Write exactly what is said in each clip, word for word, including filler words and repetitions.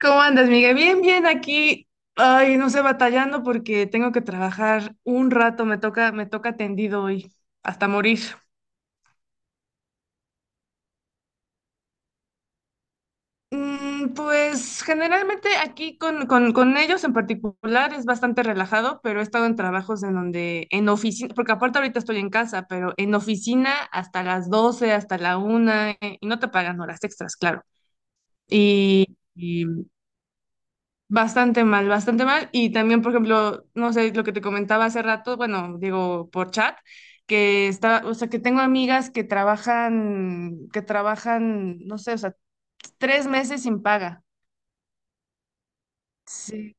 ¿Cómo andas, Miguel? Bien, bien, aquí. Ay, no sé, batallando porque tengo que trabajar un rato, me toca, me toca tendido hoy, hasta morir. Mm, pues generalmente aquí con, con, con ellos en particular es bastante relajado, pero he estado en trabajos en donde, en oficina, porque aparte ahorita estoy en casa, pero en oficina hasta las doce, hasta la una y no te pagan horas extras, claro. Y, y Bastante mal, bastante mal. Y también, por ejemplo, no sé, lo que te comentaba hace rato, bueno, digo por chat, que está, o sea, que tengo amigas que trabajan, que trabajan, no sé, o sea, tres meses sin paga. Sí.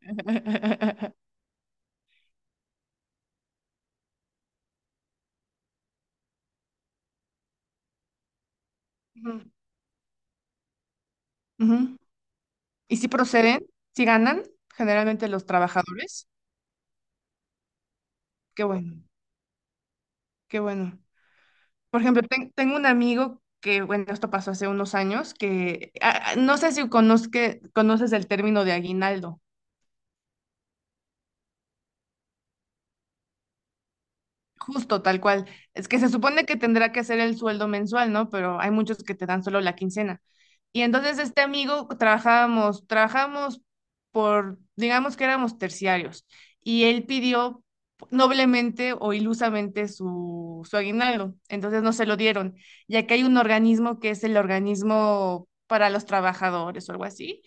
Ujú, ujú. Y si proceden, si ganan, generalmente los trabajadores. Qué bueno, qué bueno. Por ejemplo, ten- tengo un amigo que, bueno, esto pasó hace unos años, que ah, ah, no sé si conozque- conoces el término de aguinaldo. Justo, tal cual. Es que se supone que tendrá que hacer el sueldo mensual, ¿no? Pero hay muchos que te dan solo la quincena. Y entonces este amigo trabajábamos, trabajamos por, digamos que éramos terciarios, y él pidió noblemente o ilusamente su, su aguinaldo, entonces no se lo dieron, ya que hay un organismo que es el organismo para los trabajadores o algo así,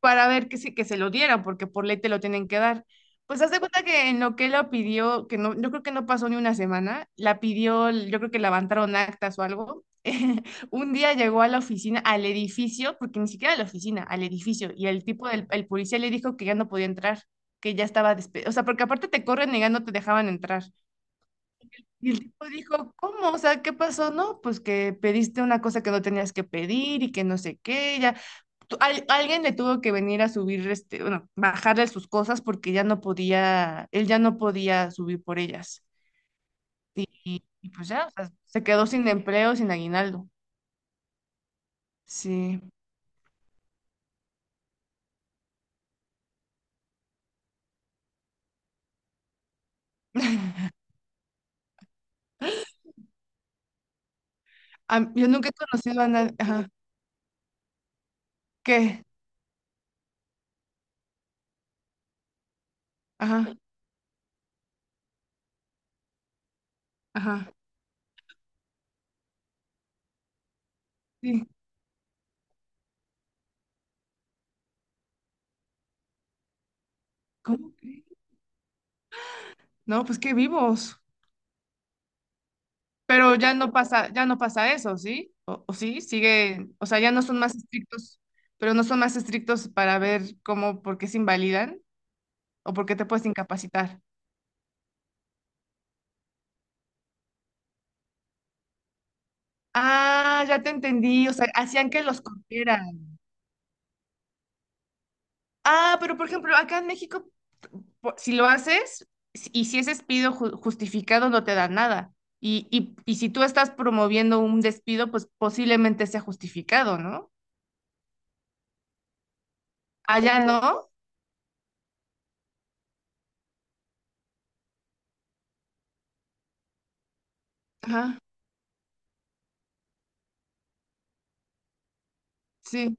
para ver que se, que se lo dieran, porque por ley te lo tienen que dar. Pues haz de cuenta que en lo que la pidió, que no, yo creo que no pasó ni una semana, la pidió, yo creo que la levantaron actas o algo. Un día llegó a la oficina, al edificio, porque ni siquiera a la oficina, al edificio, y el tipo del el policía le dijo que ya no podía entrar, que ya estaba despedido. O sea, porque aparte te corren y ya no te dejaban entrar. Y el tipo dijo, ¿cómo? O sea, ¿qué pasó? No, pues que pediste una cosa que no tenías que pedir y que no sé qué, ya tu- al- alguien le tuvo que venir a subir, este, bueno, bajarle sus cosas porque ya no podía, él ya no podía subir por ellas. Y, y- y pues ya, o sea, se quedó sin empleo, sin aguinaldo. Sí. Am- yo nunca he conocido a nadie. Ajá. ¿Qué? Ajá, ajá. Sí. ¿Cómo que? No, pues qué vivos. Pero ya no pasa, ya no pasa eso, ¿sí? O, o sí, sigue, o sea, ya no son más estrictos, pero no son más estrictos para ver cómo, por qué se invalidan o por qué te puedes incapacitar. Ah, ya te entendí. O sea, hacían que los corrieran. Ah, pero por ejemplo, acá en México, po- si lo haces si- y si es despido ju- justificado, no te dan nada. Y, y, y si tú estás promoviendo un despido, pues posiblemente sea justificado, ¿no? Allá no. Ajá, sí.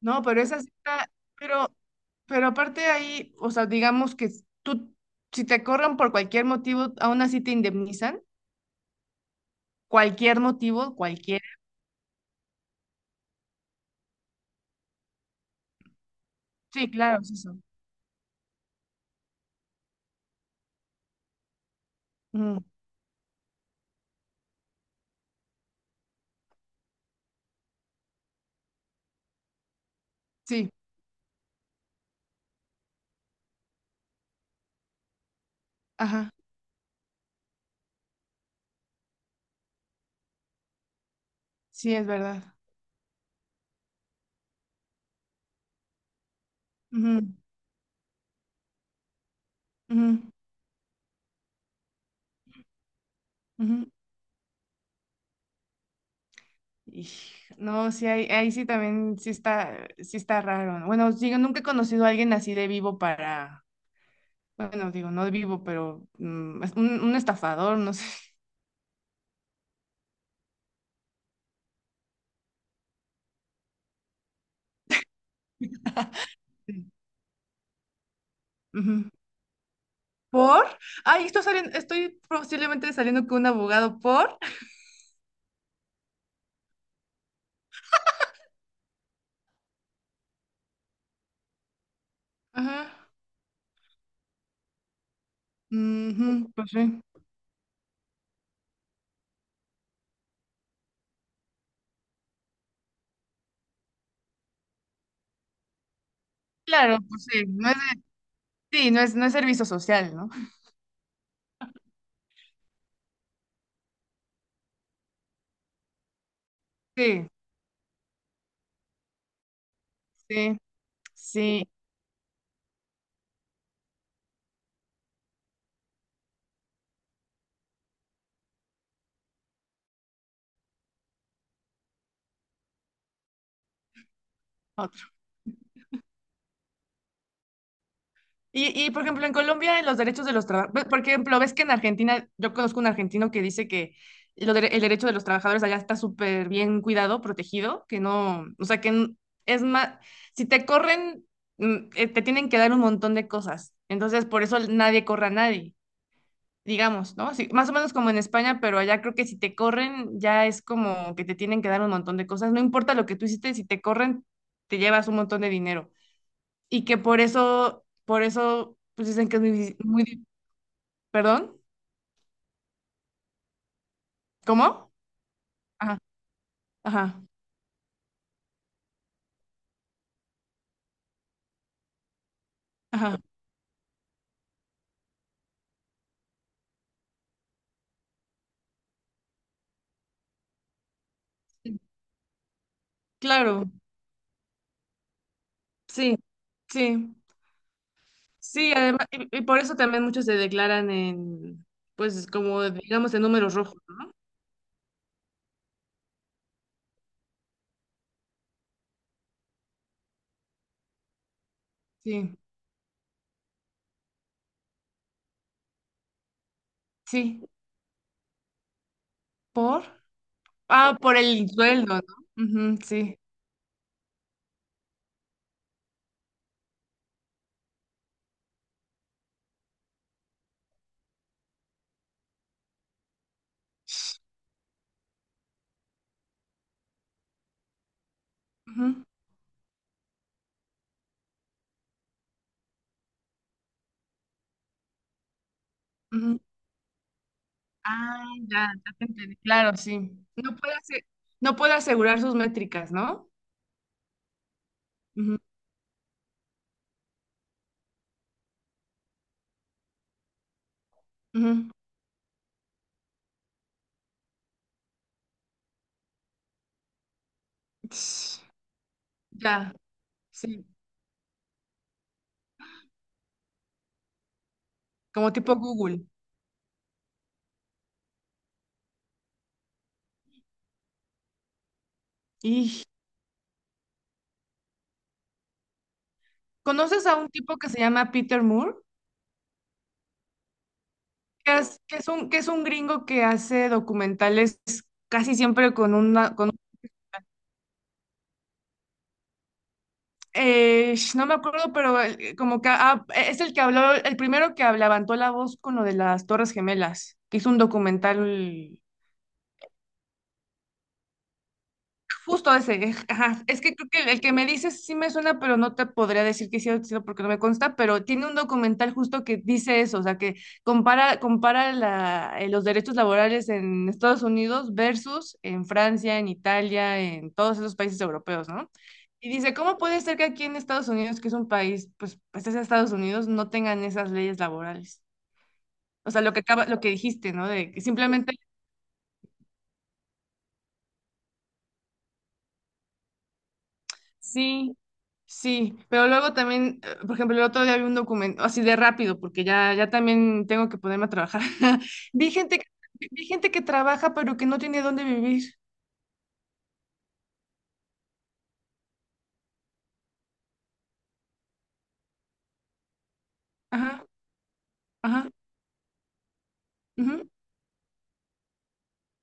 No, pero esa sí está. Pero, pero aparte ahí, o sea, digamos que s- tú, si te corren por cualquier motivo, aún así te indemnizan. Cualquier motivo, cualquier. Sí, claro, es eso. Ujú, sí. Ajá, sí, es verdad. Ujú, ujú, ujú. Y, no, sí, ahí, ahí sí también sí está, sí está raro, ¿no? Bueno, digo, nunca he conocido a alguien así de vivo para, bueno, digo, no de vivo, pero mm, es un, un estafador, no sé. Ujú. ¿Por? Ay, estoy saliendo, estoy posiblemente saliendo con un abogado por. Ajá. Ujú, pues sí. Claro, pues sí, no es, de- sí, no es, no es servicio social, ¿no? Sí, sí, sí. Y, y, por ejemplo, en Colombia, en los derechos de los trabajadores, por ejemplo, ves que en Argentina, yo conozco un argentino que dice que lo dere- el derecho de los trabajadores allá está súper bien cuidado, protegido, que no, o sea, que n- es más, si te corren, mm, eh, te tienen que dar un montón de cosas. Entonces, por eso nadie corre a nadie, digamos, ¿no? Sí, más o menos como en España, pero allá creo que si te corren, ya es como que te tienen que dar un montón de cosas. No importa lo que tú hiciste, si te corren, te llevas un montón de dinero y que por eso, por eso, pues dicen que es muy, difí- muy, di- ¿perdón? ¿Cómo? Ajá, ajá, ajá. Claro, sí, sí, sí, además, y, y por eso también muchos se declaran en, pues como digamos en números rojos. Sí, sí, por, ah, por el sueldo, ¿no? Ujú, sí. Ujú, ujú. Ah, ya, ya te entendí. Claro, sí. No puede ase- no puede asegurar sus métricas, ¿no? Ujú, ujú. Ts, ya, sí. Como tipo Google. ¿Y conoces a un tipo que se llama Peter Moore? Que es, que es un, que es un gringo que hace documentales casi siempre con una... Con, eh, sh- no me acuerdo, pero eh, como que ah, eh, es el que habló, el primero que habló, levantó la voz con lo de las Torres Gemelas, que hizo un documental. Justo ese, ajá. Es que creo que el, que me dices sí me suena, pero no te podría decir que sí o sí no, porque no me consta, pero tiene un documental justo que dice eso, o sea, que compara, compara la- eh, los derechos laborales en Estados Unidos versus en Francia, en Italia, en todos esos países europeos, ¿no? Y dice, ¿cómo puede ser que aquí en Estados Unidos, que es un país, pues, pues es Estados Unidos, no tengan esas leyes laborales? O sea, lo que acaba, lo que dijiste, ¿no? De que simplemente sí, sí, pero luego también, eh, por ejemplo, el otro día vi un documento, así de rápido, porque ya, ya también tengo que ponerme a trabajar. Vi gente, que- Vi gente que trabaja, pero que no tiene dónde vivir. Ajá, ajá, ujú,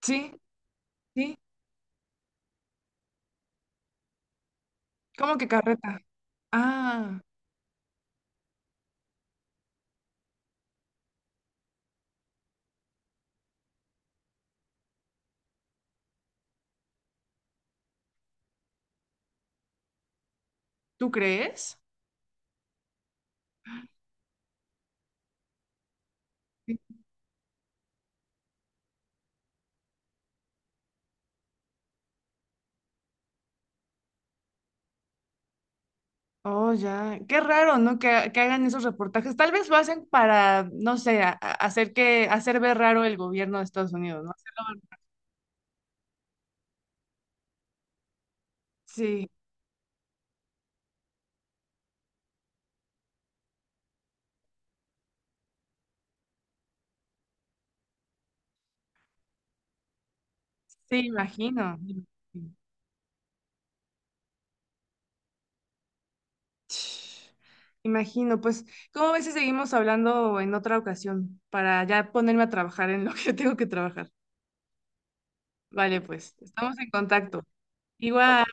sí, sí. ¿Cómo que carreta? Ah, ¿tú crees? Sí. Oh, ya. Qué raro, ¿no? Que, que hagan esos reportajes. Tal vez lo hacen para, no sé, a- a- hacer que, hacer ver raro el gobierno de Estados Unidos, ¿no? Hacerlo- Sí, sí, imagino. Imagino, pues, ¿cómo ves si seguimos hablando en otra ocasión para ya ponerme a trabajar en lo que tengo que trabajar? Vale, pues, estamos en contacto. Igual.